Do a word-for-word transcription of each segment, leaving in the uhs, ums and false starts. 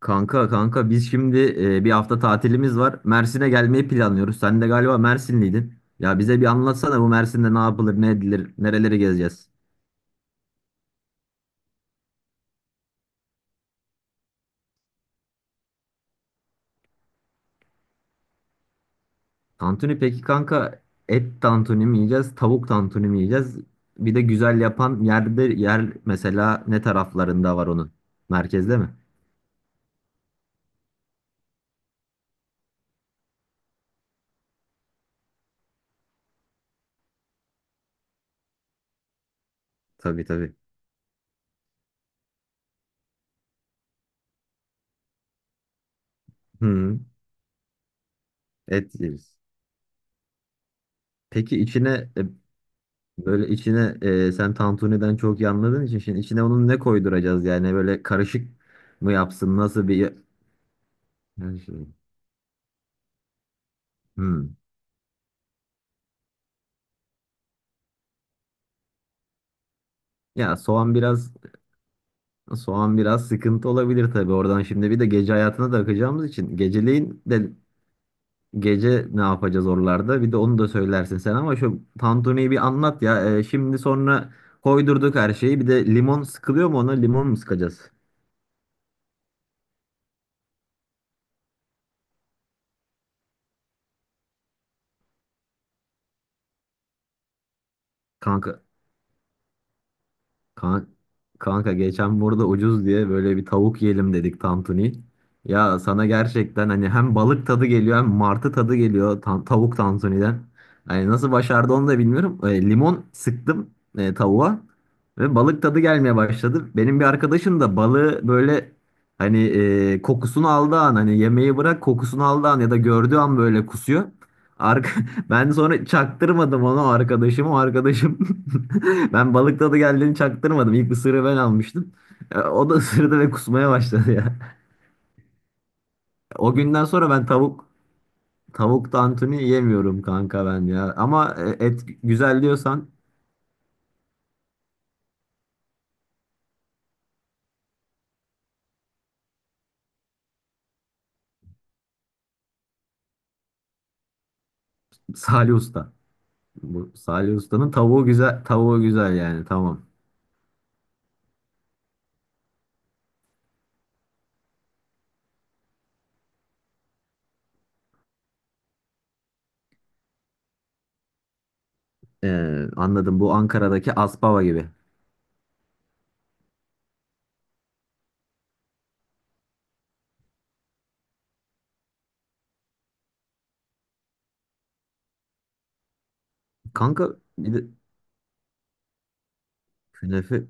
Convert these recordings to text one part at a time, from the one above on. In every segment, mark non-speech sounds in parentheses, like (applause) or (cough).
Kanka kanka biz şimdi e, bir hafta tatilimiz var. Mersin'e gelmeyi planlıyoruz. Sen de galiba Mersinliydin. Ya bize bir anlatsana bu Mersin'de ne yapılır, ne edilir, nereleri gezeceğiz? Tantuni peki kanka, et tantuni mi yiyeceğiz, tavuk tantuni mi yiyeceğiz? Bir de güzel yapan yerde yer mesela, ne taraflarında var onun? Merkezde mi? Tabii tabii. Hı, et yeriz. Peki içine e, böyle içine e, sen tantuniden çok iyi anladığın için şimdi içine onun ne koyduracağız, yani böyle karışık mı yapsın, nasıl bir yani şey- hmm. Ya soğan biraz, soğan biraz sıkıntı olabilir tabii oradan. Şimdi bir de gece hayatına da akacağımız için geceleyin de gece ne yapacağız oralarda, bir de onu da söylersin sen, ama şu tantuniyi bir anlat ya. E, şimdi sonra koydurduk her şeyi, bir de limon sıkılıyor mu, ona limon mu sıkacağız kanka? Kan- Kanka geçen burada ucuz diye böyle bir tavuk yiyelim dedik, tantuni. Ya sana gerçekten hani hem balık tadı geliyor hem martı tadı geliyor tan- tavuk tantuniden. Hani nasıl başardı onu da bilmiyorum. E, limon sıktım e, tavuğa ve balık tadı gelmeye başladı. Benim bir arkadaşım da balığı böyle hani e, kokusunu aldığı an, hani yemeği bırak, kokusunu aldığı an ya da gördüğü an böyle kusuyor. Ar- Ben sonra çaktırmadım onu, arkadaşım. O arkadaşım (laughs) ben balık tadı geldiğini çaktırmadım. İlk ısırığı ben almıştım. E, O da ısırdı ve kusmaya başladı ya. (laughs) O günden sonra ben tavuk tavuk tantuni yemiyorum kanka ben ya. Ama e, et güzel diyorsan Salih Usta. Bu Salih Usta'nın tavuğu güzel, tavuğu güzel yani, tamam. E, Anladım. Bu Ankara'daki Aspava gibi. Kanka bir de künefe,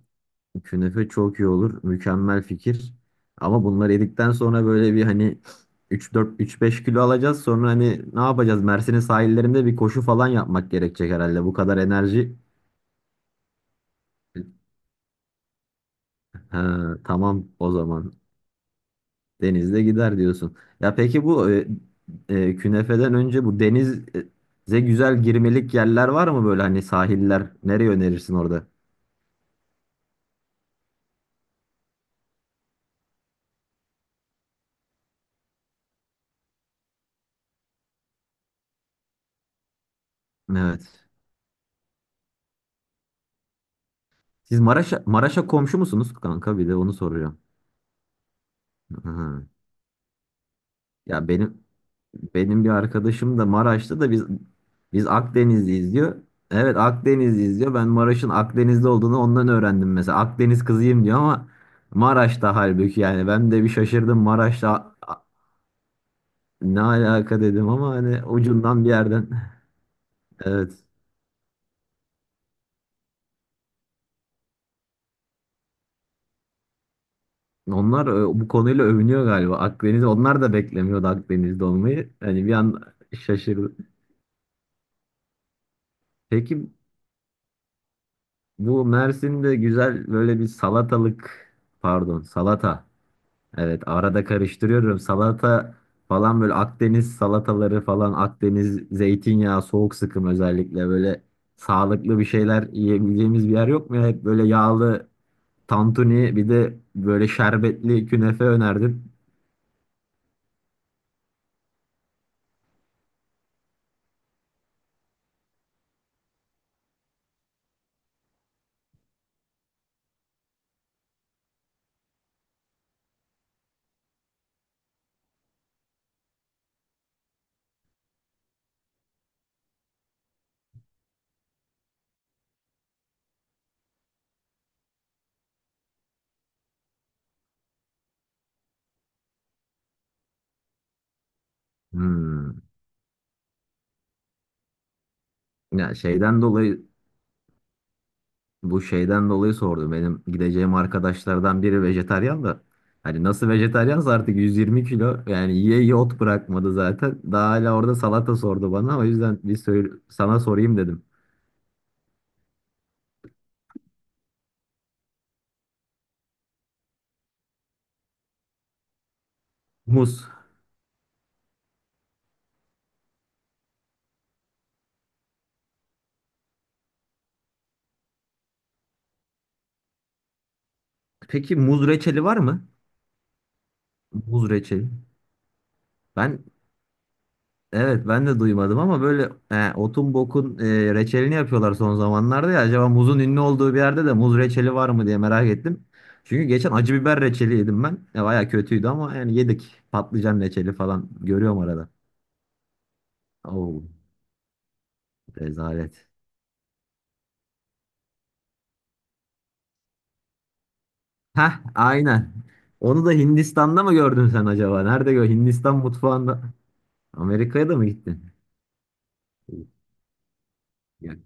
künefe çok iyi olur. Mükemmel fikir. Ama bunları yedikten sonra böyle bir hani üç dört üç beş kilo alacağız. Sonra hani ne yapacağız? Mersin'in sahillerinde bir koşu falan yapmak gerekecek herhalde. Bu kadar enerji. Ha, tamam o zaman. Denizde gider diyorsun. Ya peki bu e, e, künefeden önce bu denize güzel girmelik yerler var mı, böyle hani sahiller? Nereye önerirsin orada? Evet. Siz Maraş'a, Maraş'a komşu musunuz kanka? Bir de onu soruyorum. Hı. Ya benim, benim bir arkadaşım da Maraş'ta da, biz biz Akdenizliyiz diyor. Evet, Akdenizliyiz diyor. Ben Maraş'ın Akdeniz'de olduğunu ondan öğrendim mesela. Akdeniz kızıyım diyor ama Maraş'ta, halbuki yani ben de bir şaşırdım Maraş'ta, ne alaka dedim ama hani ucundan bir yerden. (laughs) Evet. Onlar e, bu konuyla övünüyor galiba. Akdeniz, onlar da beklemiyordu Akdeniz'de olmayı. Hani bir an şaşırdı. Peki bu Mersin'de güzel böyle bir salatalık, pardon salata. Evet, arada karıştırıyorum. Salata falan, böyle Akdeniz salataları falan, Akdeniz zeytinyağı soğuk sıkım, özellikle böyle sağlıklı bir şeyler yiyebileceğimiz bir yer yok mu ya? Hep böyle yağlı tantuni, bir de böyle şerbetli künefe önerdim. Hmm. Ya şeyden dolayı, bu şeyden dolayı sordum. Benim gideceğim arkadaşlardan biri vejetaryen da. Hani nasıl vejetaryansa artık yüz yirmi kilo, yani yiye yiye ot bırakmadı zaten. Daha hala orada salata sordu bana. O yüzden bir söyle, sana sorayım dedim. Muz. Peki muz reçeli var mı? Muz reçeli. Ben evet, ben de duymadım ama böyle he, otun bokun e, reçelini yapıyorlar son zamanlarda ya. Acaba muzun ünlü olduğu bir yerde de muz reçeli var mı diye merak ettim. Çünkü geçen acı biber reçeli yedim ben. E, baya kötüydü ama yani yedik. Patlıcan reçeli falan görüyorum arada. Oo, rezalet. Heh, aynen. Onu da Hindistan'da mı gördün sen acaba? Nerede gör? Hindistan mutfağında. Amerika'ya da mı gittin? Yok.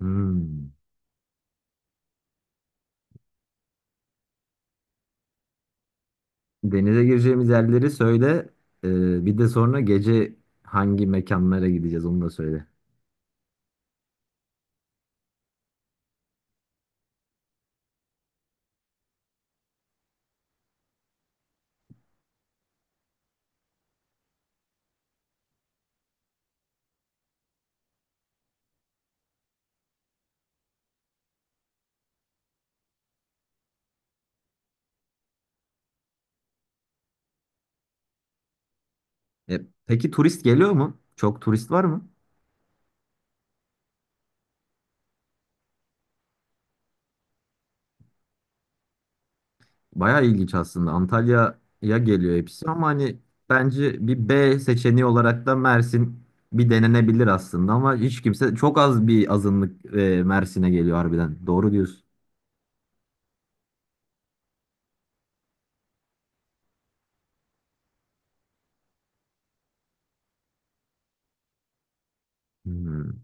Hmm. Denize gireceğimiz yerleri söyle. Ee, bir de sonra gece hangi mekanlara gideceğiz onu da söyle. E, peki turist geliyor mu? Çok turist var mı? Bayağı ilginç aslında. Antalya'ya geliyor hepsi ama hani bence bir B seçeneği olarak da Mersin bir denenebilir aslında, ama hiç kimse, çok az bir azınlık e, Mersin'e geliyor harbiden. Doğru diyorsun. Hmm.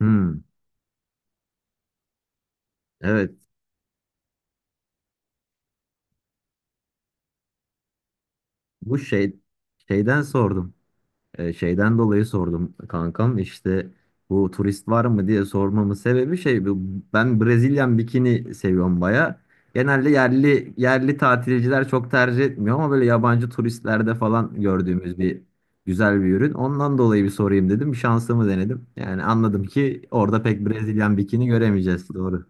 Hmm. Evet. Bu şey, şeyden sordum. E, şeyden dolayı sordum kankam, işte bu turist var mı diye sormamın sebebi şey bu- ben Brezilyan bikini seviyorum baya. Genelde yerli, yerli tatilciler çok tercih etmiyor ama böyle yabancı turistlerde falan gördüğümüz bir güzel bir ürün. Ondan dolayı bir sorayım dedim. Şansımı denedim. Yani anladım ki orada pek Brezilyan bikini göremeyeceğiz. Doğru.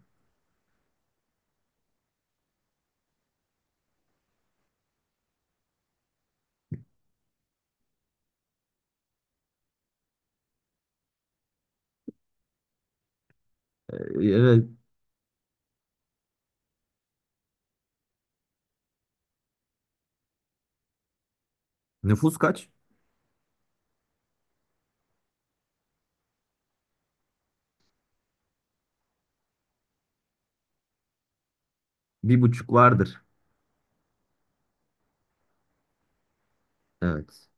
E, Evet. Nüfus kaç? Bir buçuk vardır. Evet.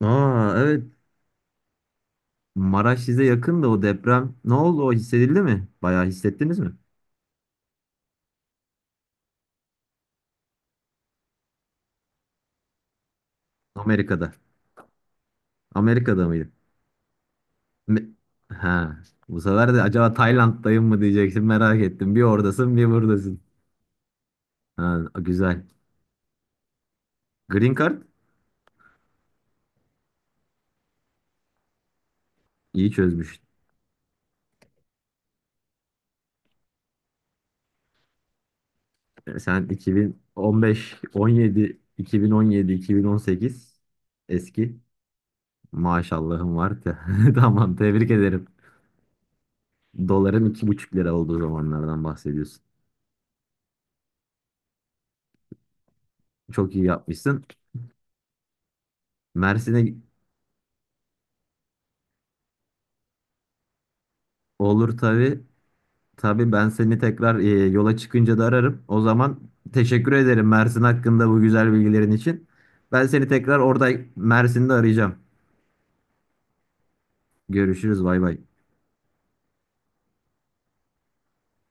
Aa evet, Maraş size yakın da, o deprem ne oldu, o hissedildi mi? Bayağı hissettiniz mi? Amerika'da. Amerika'da mıydı? Me- ha. Bu sefer de acaba Tayland'dayım mı diyeceksin merak ettim. Bir oradasın bir buradasın. Ha, güzel. Green Card iyi çözmüş. E, Sen iki bin on beş, on yedi, iki bin on yedi, iki bin on sekiz eski. Maşallahım var. Te- (laughs) Tamam, tebrik ederim. Doların iki buçuk lira olduğu zamanlardan bahsediyorsun. Çok iyi yapmışsın. Mersin'e olur tabii. Tabii ben seni tekrar e, yola çıkınca da ararım. O zaman teşekkür ederim Mersin hakkında bu güzel bilgilerin için. Ben seni tekrar orada Mersin'de arayacağım. Görüşürüz, bay bay.